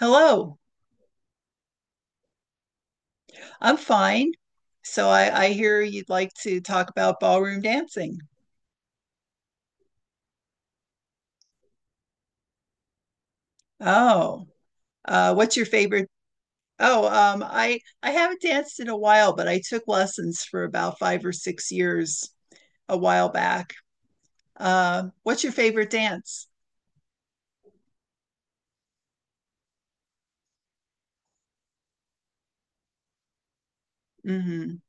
Hello, I'm fine. So I hear you'd like to talk about ballroom dancing. Oh, what's your favorite? Oh, I haven't danced in a while, but I took lessons for about 5 or 6 years a while back. What's your favorite dance? hmm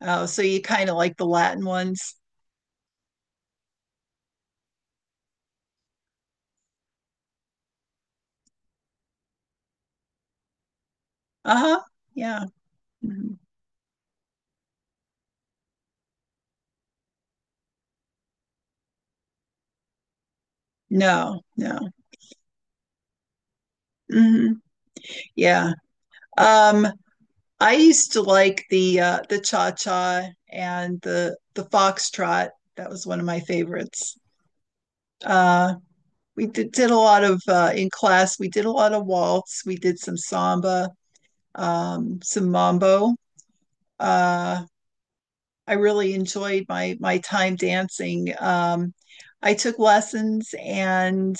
Oh, so you kind of like the Latin ones? Uh-huh. Yeah. Mhm. No, no. hmm Yeah. Um, I used to like the cha-cha and the foxtrot. That was one of my favorites. Uh, we did a lot of in class. We did a lot of waltz. We did some samba, some mambo. Uh, I really enjoyed my time dancing. I took lessons, and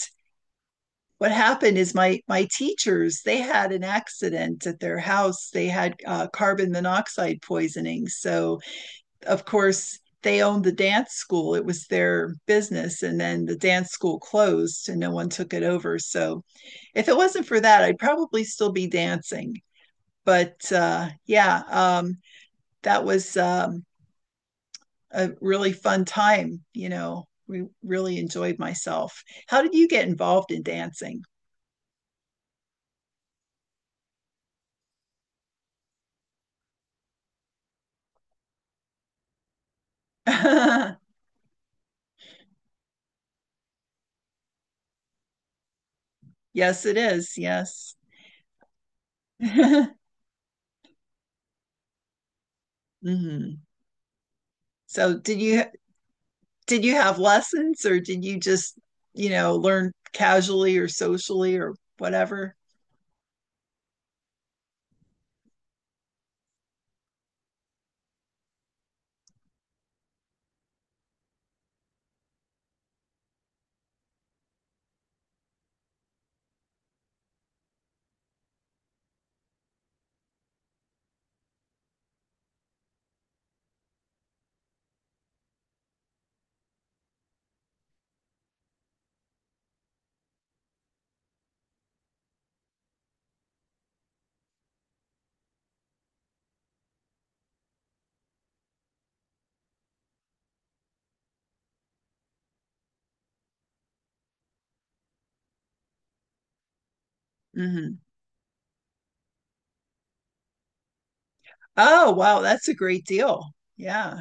what happened is my teachers they had an accident at their house. They had carbon monoxide poisoning, so of course, they owned the dance school. It was their business. And then the dance school closed and no one took it over. So if it wasn't for that, I'd probably still be dancing. But yeah, that was a really fun time. You know, we really enjoyed myself. How did you get involved in dancing? yes, it is. Yes. hmm So, did you have lessons or did you just, you know, learn casually or socially or whatever? hmm Oh, wow, that's a great deal. Yeah.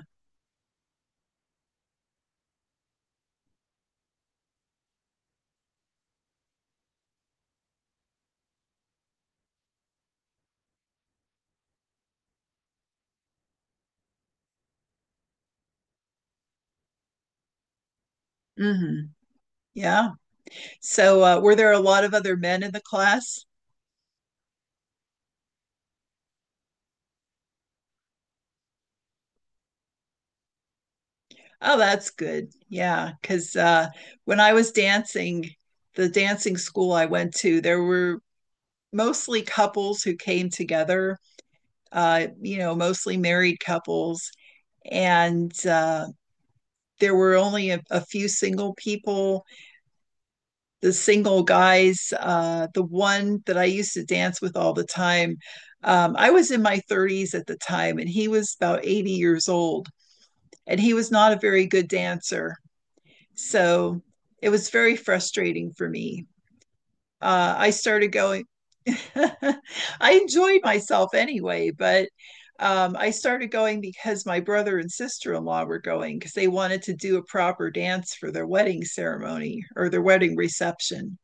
hmm Yeah. So, were there a lot of other men in the class? Oh, that's good. Yeah, because when I was dancing, the dancing school I went to, there were mostly couples who came together, you know, mostly married couples. And there were only a few single people the single guys, the one that I used to dance with all the time. I was in my 30s at the time, and he was about 80 years old, and he was not a very good dancer. So it was very frustrating for me. I started going, I enjoyed myself anyway, but I started going because my brother and sister in law were going because they wanted to do a proper dance for their wedding ceremony or their wedding reception.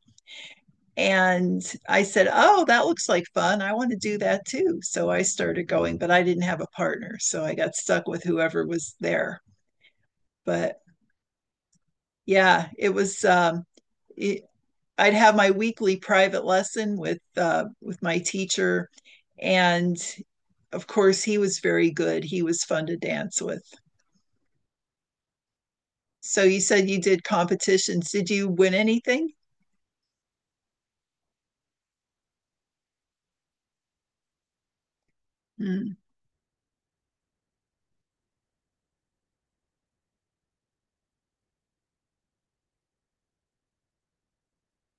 And I said, oh, that looks like fun. I want to do that too. So I started going, but I didn't have a partner. So I got stuck with whoever was there. But yeah, it was, it, I'd have my weekly private lesson with my teacher. And of course, he was very good. He was fun to dance with. So you said you did competitions. Did you win anything? Mm-hmm.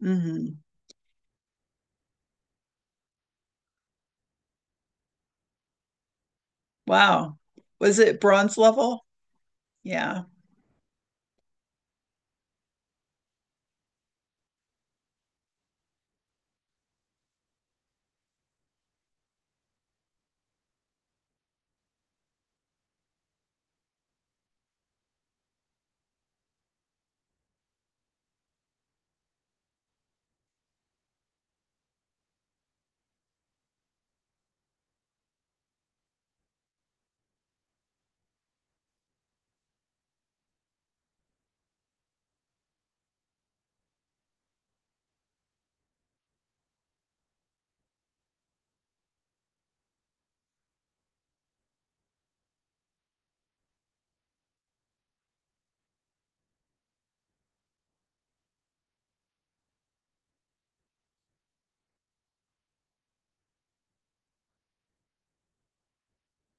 Mm-hmm. Wow. Was it bronze level? Yeah.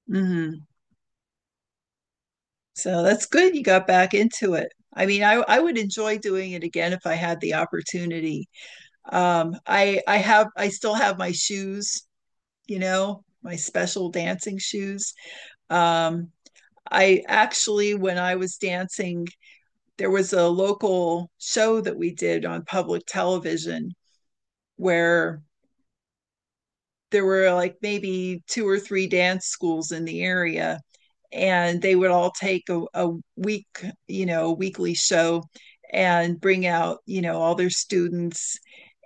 hmm So that's good you got back into it. I mean, I would enjoy doing it again if I had the opportunity. I still have my shoes, you know, my special dancing shoes. Um, I actually, when I was dancing, there was a local show that we did on public television where there were like maybe two or three dance schools in the area. And they would all take a week, you know, a weekly show and bring out, you know, all their students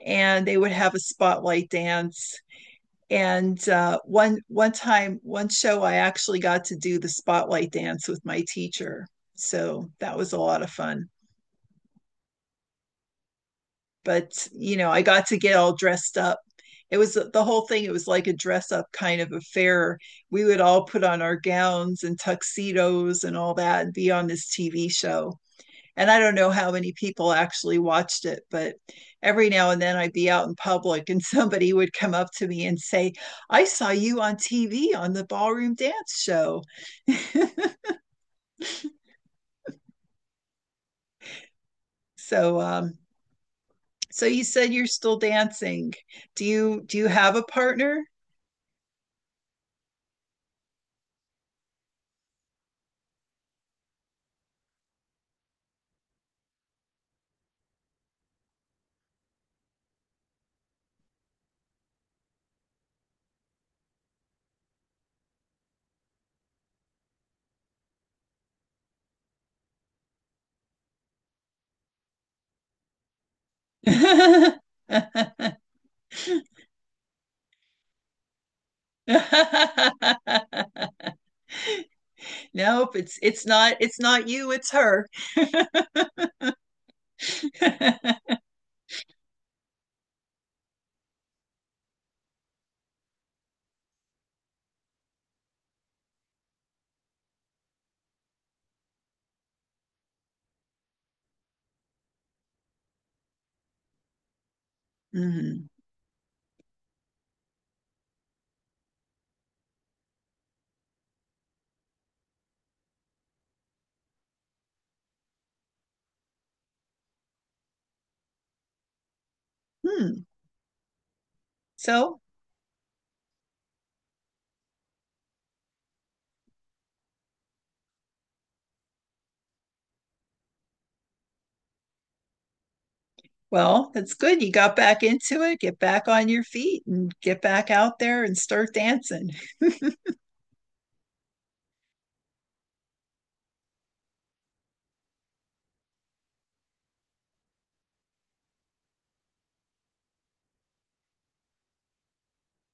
and they would have a spotlight dance. And one show, I actually got to do the spotlight dance with my teacher. So that was a lot of fun. But you know, I got to get all dressed up. It was the whole thing. It was like a dress up kind of affair. We would all put on our gowns and tuxedos and all that and be on this TV show. And I don't know how many people actually watched it, but every now and then I'd be out in public and somebody would come up to me and say, I saw you on TV on the ballroom dance show. So, so you said you're still dancing. Do you have a partner? Nope, it's not you, it's her. Mhm. Hmm. So, well, that's good. You got back into it. Get back on your feet and get back out there and start dancing.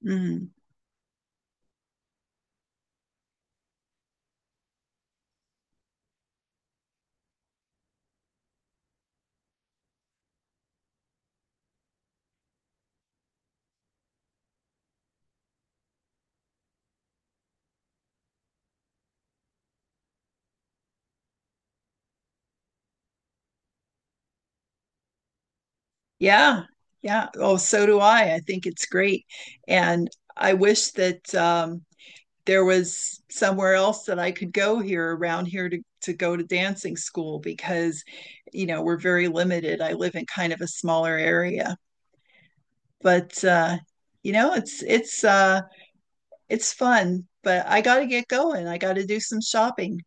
Mhm. Yeah. Yeah. Oh, so do I. I think it's great. And I wish that there was somewhere else that I could go here around here to go to dancing school because you know, we're very limited. I live in kind of a smaller area but you know, it's fun. But I got to get going. I got to do some shopping.